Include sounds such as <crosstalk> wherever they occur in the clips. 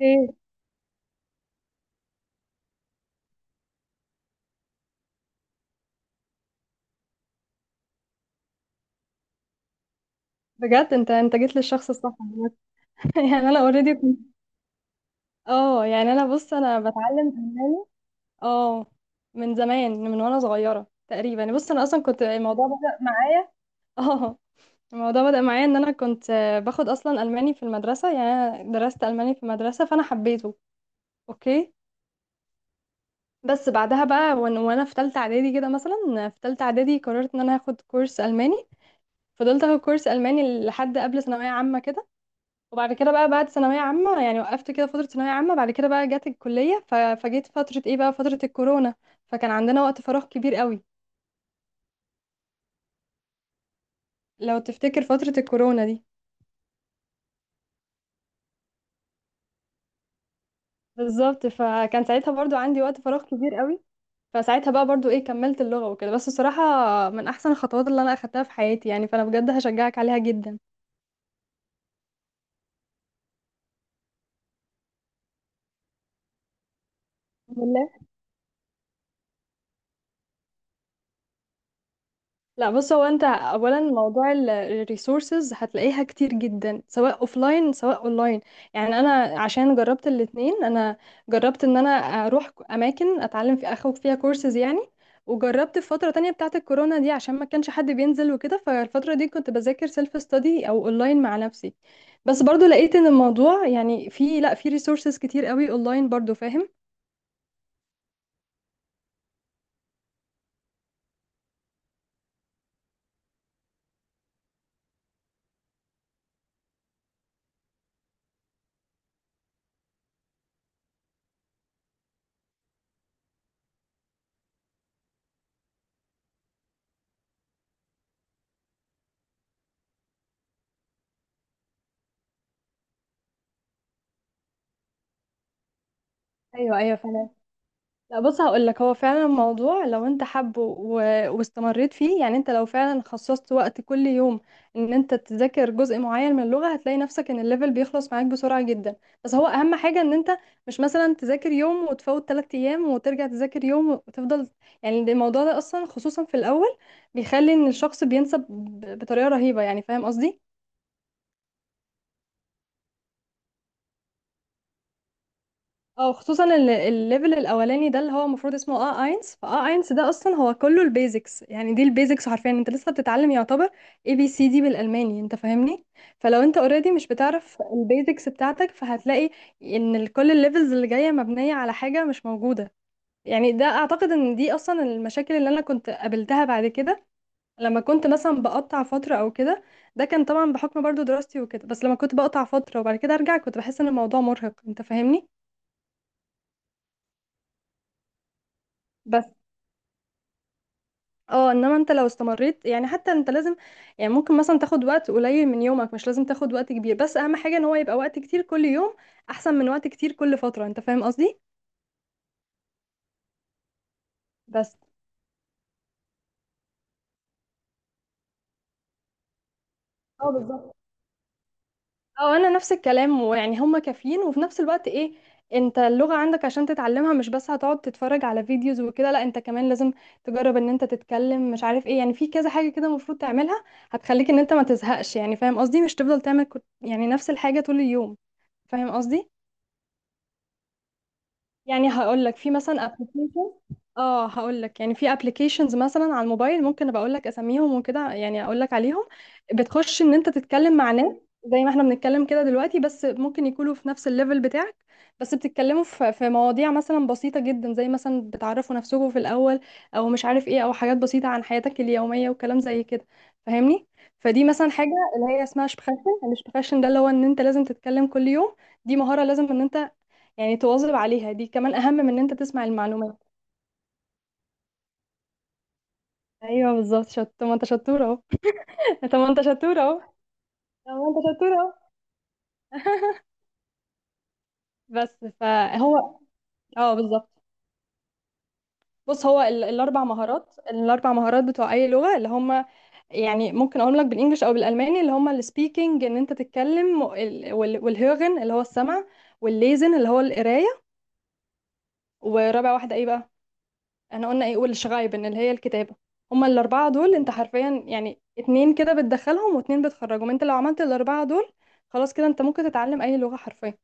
ايه، بجد انت جيت للشخص الصح عامة. <laughs> يعني انا اوريدي كنت، اه يعني انا بص انا بتعلم الماني. اه من زمان، من وانا صغيره تقريبا. بص انا اصلا كنت الموضوع بدأ معايا. <laughs> اه الموضوع بدأ معايا ان انا كنت، باخد اصلا الماني في المدرسه يعني. انا درست الماني في المدرسه، فانا حبيته. اوكي. بس بعدها بقى، وانا في ثالثه اعدادي كده، مثلا في ثالثه اعدادي قررت ان انا هاخد كورس الماني. فضلت اخد كورس الماني لحد قبل ثانويه عامه كده. وبعد كده بقى، بعد ثانوية عامة يعني، وقفت كده فترة ثانوية عامة. بعد كده بقى، جت الكلية فجيت فترة ايه بقى، فترة الكورونا. فكان عندنا وقت فراغ كبير قوي، لو تفتكر فترة الكورونا دي. بالظبط. فكان ساعتها برضو عندي وقت فراغ كبير قوي. فساعتها بقى برضو ايه، كملت اللغة وكده. بس الصراحة من احسن الخطوات اللي انا اخدتها في حياتي يعني، فانا بجد هشجعك عليها جدا. لا، بص، هو انت اولا موضوع الريسورسز هتلاقيها كتير جدا، سواء اوفلاين سواء اونلاين. يعني انا عشان جربت الاتنين، انا جربت ان انا اروح اماكن اتعلم في، اخد فيها كورسز يعني. وجربت في فترة تانية بتاعة الكورونا دي، عشان ما كانش حد بينزل وكده، فالفترة دي كنت بذاكر سيلف ستادي او اونلاين مع نفسي. بس برضو لقيت ان الموضوع يعني، في، لا، في ريسورسز كتير قوي اونلاين برضو، فاهم؟ ايوه، ايوه. لا، بص، هقول لك، هو فعلا الموضوع لو انت حابه واستمريت فيه، يعني انت لو فعلا خصصت وقت كل يوم، ان انت تذاكر جزء معين من اللغة، هتلاقي نفسك ان الليفل بيخلص معاك بسرعة جدا. بس هو اهم حاجة ان انت مش مثلا تذاكر يوم وتفوت 3 ايام وترجع تذاكر يوم وتفضل. يعني الموضوع ده اصلا خصوصا في الاول، بيخلي ان الشخص بينسى بطريقة رهيبة، يعني فاهم قصدي؟ اه، خصوصا الليفل الاولاني ده، اللي هو المفروض اسمه اينس فاه اينس، ده اصلا هو كله البيزكس، يعني دي البيزكس حرفيا انت لسه بتتعلم يعتبر. اي بي سي دي بالالماني، انت فاهمني؟ فلو انت اوريدي مش بتعرف البيزكس بتاعتك، فهتلاقي ان كل الليفلز اللي جايه مبنيه على حاجه مش موجوده. يعني ده اعتقد ان دي اصلا المشاكل اللي انا كنت قابلتها بعد كده، لما كنت مثلا بقطع فتره او كده. ده كان طبعا بحكم برضو دراستي وكده، بس لما كنت بقطع فتره وبعد كده ارجع، كنت بحس ان الموضوع مرهق، انت فاهمني؟ بس، اه انما انت لو استمريت يعني، حتى انت لازم، يعني ممكن مثلا تاخد وقت قليل من يومك، مش لازم تاخد وقت كبير، بس اهم حاجة ان هو يبقى وقت كتير كل يوم، احسن من وقت كتير كل فترة، انت فاهم قصدي؟ بس، اه، بالظبط. اه، انا نفس الكلام، ويعني هما كافيين وفي نفس الوقت ايه، انت اللغة عندك عشان تتعلمها مش بس هتقعد تتفرج على فيديوز وكده، لا انت كمان لازم تجرب ان انت تتكلم، مش عارف ايه، يعني في كذا حاجة كده المفروض تعملها، هتخليك ان انت ما تزهقش، يعني فاهم قصدي، مش تفضل تعمل يعني نفس الحاجة طول اليوم. فاهم قصدي؟ يعني هقول لك في مثلا ابلكيشن، اه هقول لك يعني في ابلكيشنز مثلا على الموبايل، ممكن ابقى اقول لك اساميهم وكده، يعني اقول لك عليهم. بتخش ان انت تتكلم مع ناس، زي ما احنا بنتكلم كده دلوقتي، بس ممكن يكونوا في نفس الليفل بتاعك. بس بتتكلموا في مواضيع مثلا بسيطة جدا، زي مثلا بتعرفوا نفسكم في الاول، او مش عارف ايه، او حاجات بسيطة عن حياتك اليومية وكلام زي كده. فاهمني؟ فدي مثلا حاجة اللي هي اسمها شبخاشن. الشبخاشن ده، اللي هو ان انت لازم تتكلم كل يوم. دي مهارة لازم ان انت يعني تواظب عليها، دي كمان اهم من ان انت تسمع المعلومات. ايوه، بالظبط. طب ما انت شطوره اهو. <laughs> طب ما انت شطوره اهو. طب ما انت شطوره اهو. <laughs> بس فهو، اه، بالظبط. بص، هو ال... الاربع مهارات الاربع مهارات بتوع اي لغه اللي هم، يعني ممكن اقول لك بالانجلش او بالالماني، اللي هم السبيكنج، ان انت تتكلم، والهيرن اللي هو السمع، والليزن اللي هو القرايه. ورابع واحده ايه بقى؟ احنا قلنا ايه، والشغايبن اللي هي الكتابة. هما الأربعة دول، انت حرفيا يعني اتنين كده بتدخلهم واتنين بتخرجهم، انت لو عملت الأربعة دول، خلاص كده انت ممكن تتعلم أي لغة حرفيا.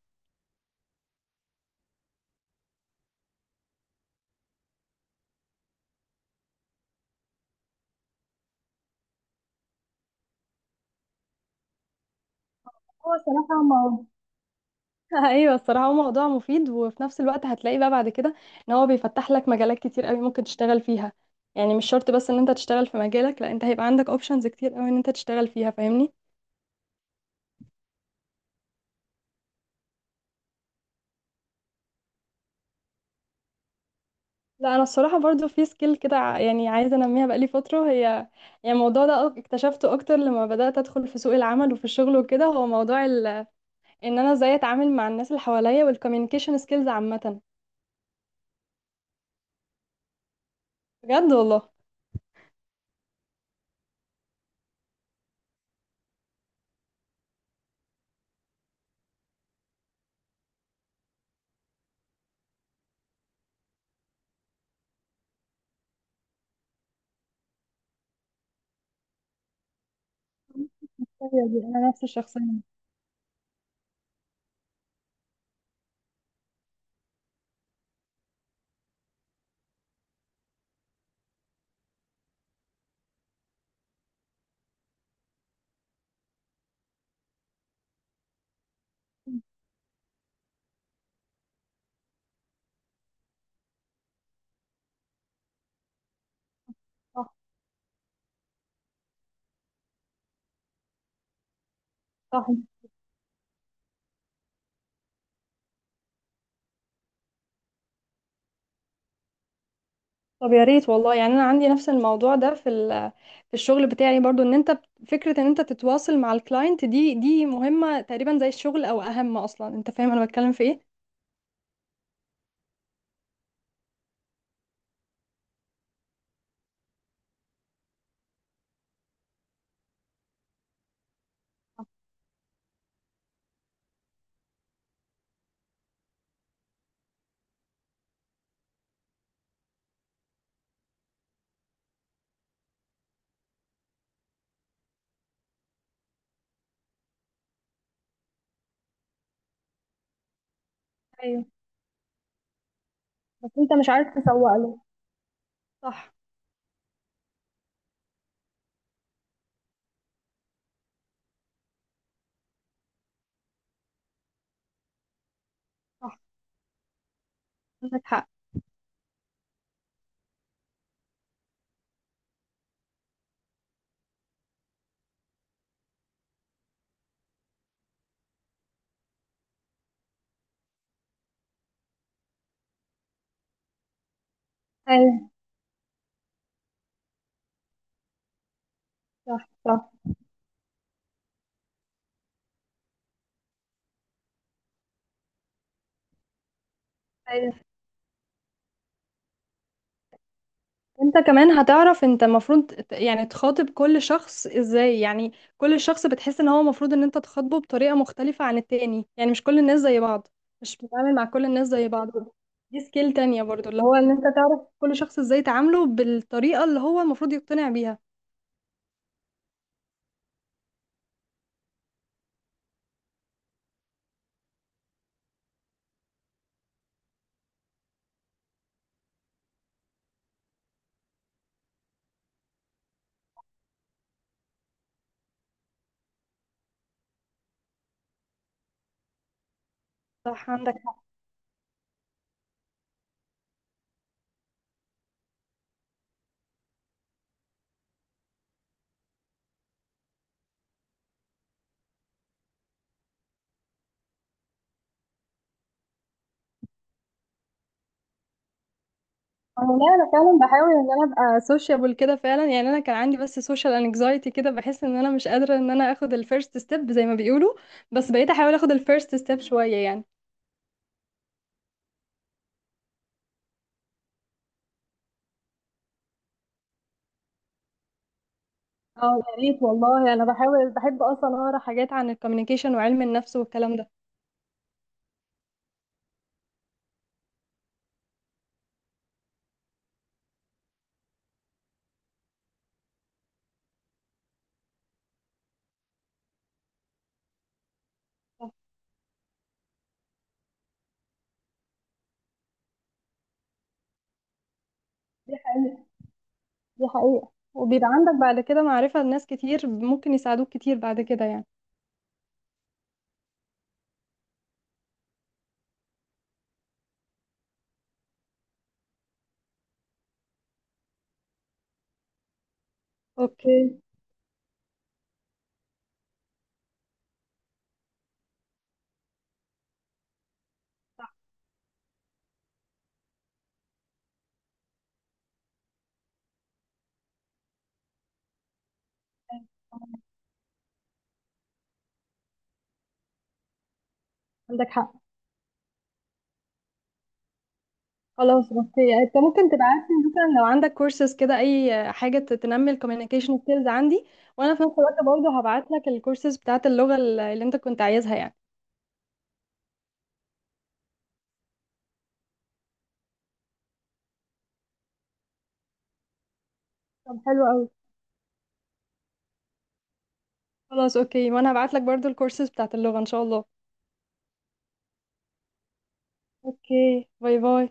هو صراحة ما. <laughs> ايوه، الصراحه هو موضوع مفيد، وفي نفس الوقت هتلاقي بقى بعد كده ان هو بيفتح لك مجالات كتير قوي ممكن تشتغل فيها، يعني مش شرط بس ان انت تشتغل في مجالك، لا انت هيبقى عندك اوبشنز كتير قوي ان انت تشتغل فيها، فاهمني؟ لا، انا الصراحه برضو في سكيل كده يعني عايزه انميها بقالي فتره هي، يعني الموضوع ده اكتشفته اكتر لما بدات ادخل في سوق العمل وفي الشغل وكده. هو موضوع ان انا ازاي اتعامل مع الناس اللي حواليا والكوميونيكيشن سكيلز عامه. بجد والله. أيوة، دي انا نفس الشخصيه. صح، صح. طب يا ريت والله، يعني انا عندي نفس الموضوع ده في الشغل بتاعي برضو ان انت فكره ان انت تتواصل مع الكلاينت، دي مهمه تقريبا زي الشغل او اهم اصلا، انت فاهم انا بتكلم في ايه؟ ايوه، بس انت مش عارف تسوق له. صح. صح. عندك حق. ايوه. صح، صح. ايوه، انت كمان هتعرف، انت المفروض يعني تخاطب كل شخص ازاي، يعني كل شخص بتحس ان هو المفروض ان انت تخاطبه بطريقة مختلفة عن التاني، يعني مش كل الناس زي بعض، مش بتتعامل مع كل الناس زي بعض. دي سكيل تانية برضو، اللي هو ان انت تعرف كل شخص ازاي تعامله بالطريقة اللي هو المفروض يقتنع بيها. صح، عندك. انا، لا، انا فعلا بحاول ان انا ابقى سوشيبل كده فعلا، يعني انا كان عندي بس سوشيال انكزايتي كده، بحس ان انا مش قادره ان انا اخد الفيرست ستيب زي ما بيقولوا. بس بقيت احاول اخد الفيرست ستيب شويه يعني. اه، يا ريت والله، انا بحاول بحب اصلا اقرا حاجات عن الكوميونيكيشن وعلم النفس والكلام ده. دي حقيقة. دي حقيقة. وبيبقى عندك بعد كده معرفة لناس كتير، ممكن يساعدوك كتير بعد كده يعني. اوكي. صح. عندك حق. خلاص، بس يعني انت ممكن تبعت لي مثلا لو عندك كورسز كده، اي حاجه تنمي الكوميونيكيشن سكيلز عندي، وانا في نفس الوقت برضه هبعت لك الكورسز بتاعت اللغه اللي انت كنت عايزها يعني. طب حلو قوي. خلاص، اوكي، وانا هبعت لك برضه الكورسز بتاعت اللغه ان شاء الله. اوكي، باي باي.